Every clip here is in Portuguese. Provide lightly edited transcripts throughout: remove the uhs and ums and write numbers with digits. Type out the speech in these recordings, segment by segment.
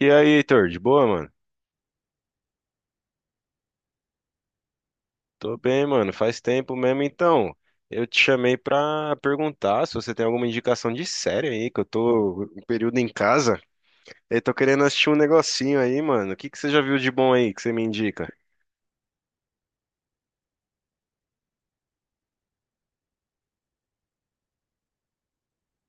E aí, Heitor, de boa, mano? Tô bem, mano. Faz tempo mesmo, então. Eu te chamei pra perguntar se você tem alguma indicação de série aí, que eu tô um período em casa e tô querendo assistir um negocinho aí, mano. O que que você já viu de bom aí que você me indica?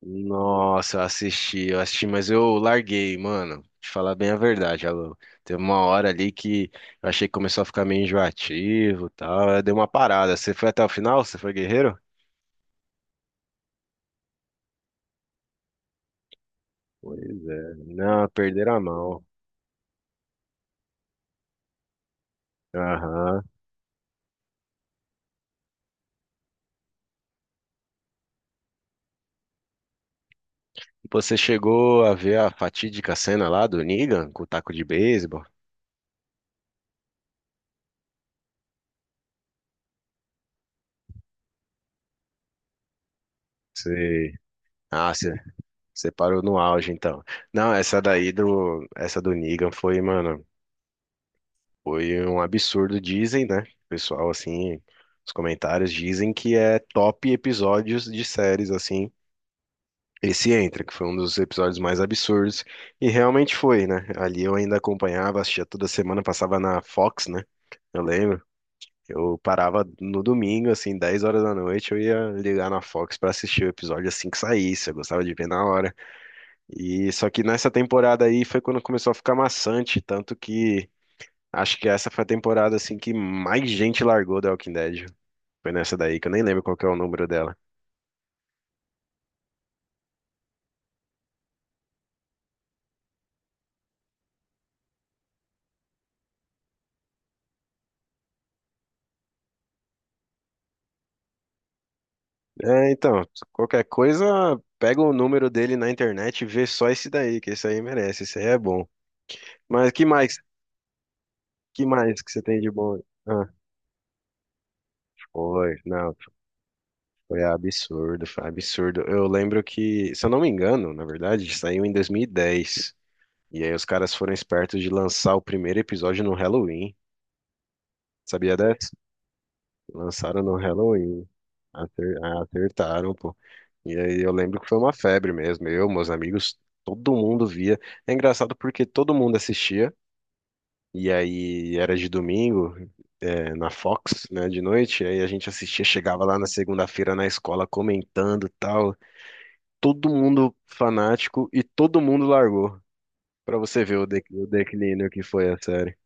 Nossa, eu assisti, mas eu larguei, mano. Te falar bem a verdade, alô. Teve uma hora ali que eu achei que começou a ficar meio enjoativo e tal. Aí deu uma parada. Você foi até o final? Você foi guerreiro? Pois é. Não, perderam a mão. Aham. Você chegou a ver a fatídica cena lá do Negan com o taco de beisebol? Você... Ah, você, você parou no auge, então. Não, essa daí do... Essa do Negan foi, mano, foi um absurdo, dizem, né? O pessoal, assim, os comentários dizem que é top episódios de séries, assim. Esse entra, que foi um dos episódios mais absurdos. E realmente foi, né? Ali eu ainda acompanhava, assistia toda semana, passava na Fox, né? Eu lembro. Eu parava no domingo, assim, 10 horas da noite, eu ia ligar na Fox pra assistir o episódio assim que saísse, eu gostava de ver na hora. E só que nessa temporada aí foi quando começou a ficar maçante, tanto que acho que essa foi a temporada assim que mais gente largou The Walking Dead. Foi nessa daí, que eu nem lembro qual que é o número dela. É, então, qualquer coisa, pega o número dele na internet e vê só esse daí, que esse aí merece, esse aí é bom. Mas que mais? Que mais que você tem de bom? Ah, foi, não. Foi absurdo, foi absurdo. Eu lembro que, se eu não me engano, na verdade, saiu em 2010. E dez. E aí os caras foram espertos de lançar o primeiro episódio no Halloween. Sabia dessa? Lançaram no Halloween. Acertaram, pô. E aí eu lembro que foi uma febre mesmo. Eu, meus amigos, todo mundo via. É engraçado porque todo mundo assistia. E aí era de domingo, é, na Fox, né, de noite. E aí a gente assistia, chegava lá na segunda-feira na escola comentando tal. Todo mundo fanático e todo mundo largou. Pra você ver o declínio que foi a série.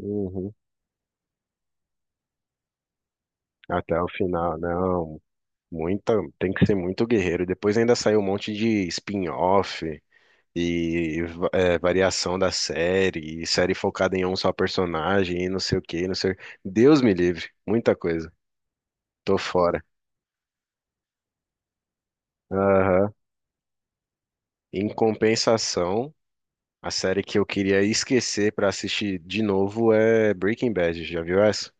Uhum. Até o final, não. Muita, Tem que ser muito guerreiro. Depois ainda saiu um monte de spin-off e variação da série, e série focada em um só personagem, e não sei o que não sei. Deus me livre, muita coisa. Tô fora. Aham. Em compensação, a série que eu queria esquecer pra assistir de novo é Breaking Bad. Já viu essa?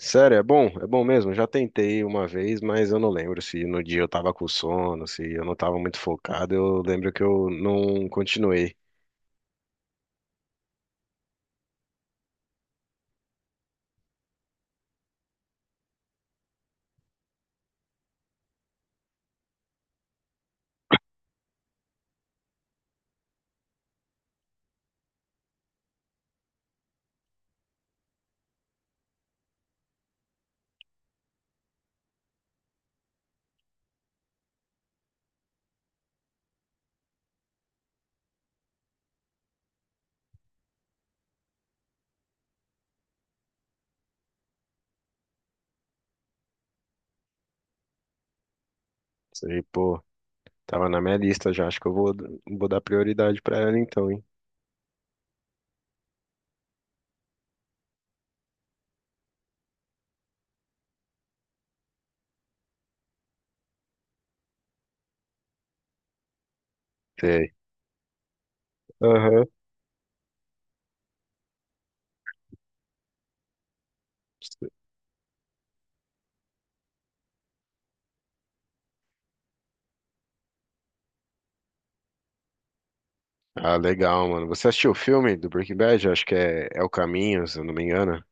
Sério, é bom mesmo. Já tentei uma vez, mas eu não lembro se no dia eu tava com sono, se eu não tava muito focado. Eu lembro que eu não continuei. Sei, pô, tava na minha lista já. Acho que eu vou dar prioridade pra ela então, hein? Sei. Aham. Ah, legal, mano. Você assistiu o filme do Breaking Bad? Acho que é O Caminho, se eu não me engano.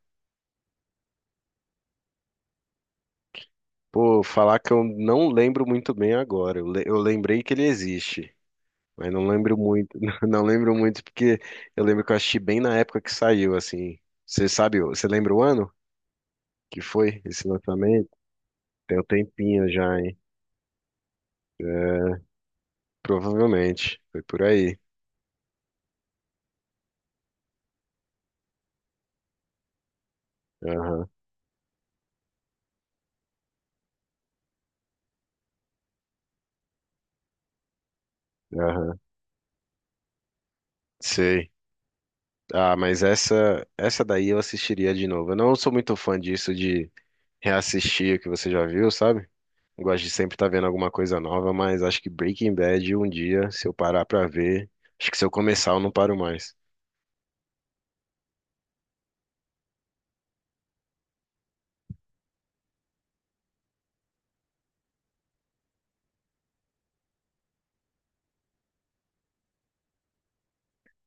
Pô, falar que eu não lembro muito bem agora. Eu lembrei que ele existe. Mas não lembro muito, não lembro muito porque eu lembro que eu assisti bem na época que saiu, assim. Você sabe, você lembra o ano que foi esse lançamento? Tem um tempinho já, hein? Provavelmente, foi por aí. Aham, aham, sei. Ah, mas essa daí eu assistiria de novo. Eu não sou muito fã disso de reassistir o que você já viu, sabe? Eu gosto de sempre estar vendo alguma coisa nova, mas acho que Breaking Bad um dia, se eu parar pra ver, acho que se eu começar eu não paro mais.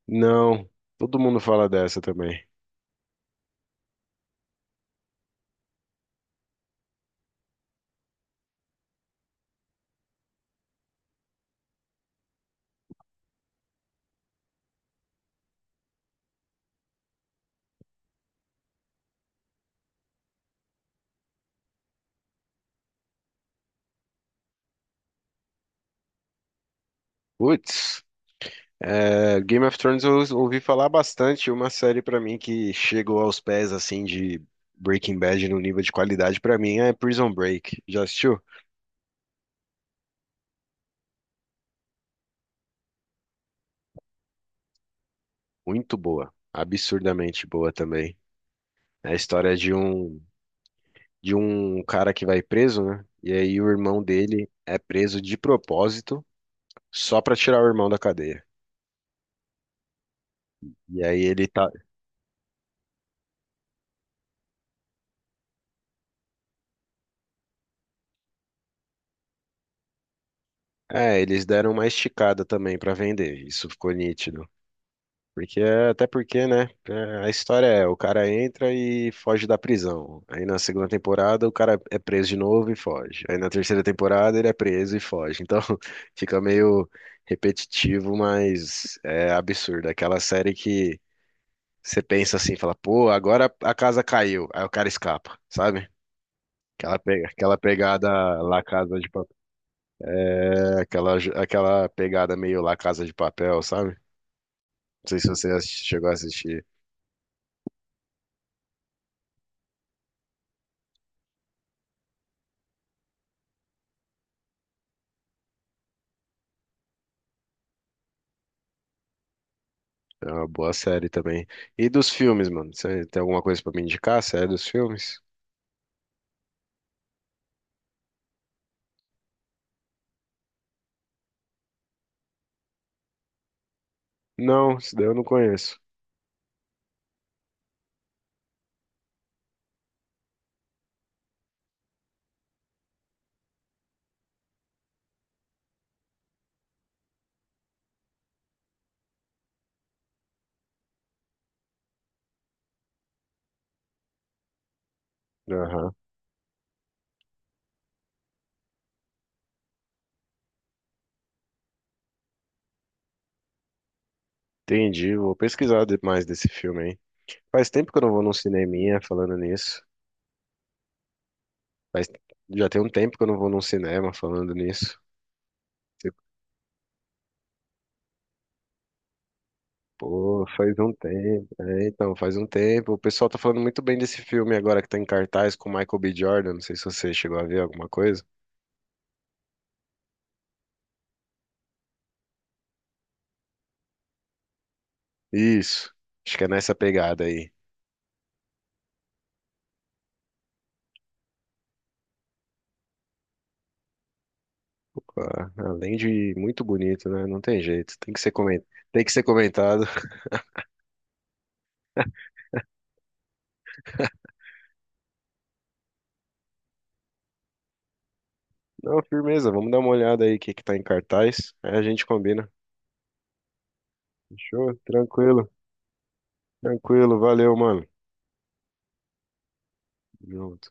Não, todo mundo fala dessa também. Putz, é, Game of Thrones eu ouvi falar bastante, uma série pra mim que chegou aos pés assim de Breaking Bad no nível de qualidade pra mim é Prison Break. Já assistiu? Muito boa, absurdamente boa também. É a história de um cara que vai preso, né? E aí o irmão dele é preso de propósito só pra tirar o irmão da cadeia. E aí ele tá, eles deram uma esticada também pra vender. Isso ficou nítido. Porque, até porque, né? A história é, o cara entra e foge da prisão. Aí na segunda temporada o cara é preso de novo e foge. Aí na terceira temporada ele é preso e foge. Então fica meio repetitivo, mas é absurdo. Aquela série que você pensa assim, fala, pô, agora a casa caiu. Aí o cara escapa, sabe? Aquela pegada lá Casa de Papel, é, aquela pegada meio lá Casa de Papel, sabe? Não sei se você chegou a assistir. É uma boa série também. E dos filmes, mano? Você tem alguma coisa pra me indicar? Série dos filmes? Não, isso daí eu não conheço. Aham. Entendi. Vou pesquisar mais desse filme aí. Faz tempo que eu não vou num cineminha falando nisso. Faz... Já tem um tempo que eu não vou num cinema falando nisso. Tipo, pô, faz um tempo. É, então, faz um tempo. O pessoal tá falando muito bem desse filme agora que tá em cartaz com o Michael B. Jordan. Não sei se você chegou a ver alguma coisa. Isso. Acho que é nessa pegada aí. Pá, além de muito bonito, né? Não tem jeito. Tem que ser comentado. Tem que ser comentado. Não, firmeza. Vamos dar uma olhada aí o que que tá em cartaz. Aí a gente combina. Fechou? Tranquilo. Tranquilo. Valeu, mano. Junto.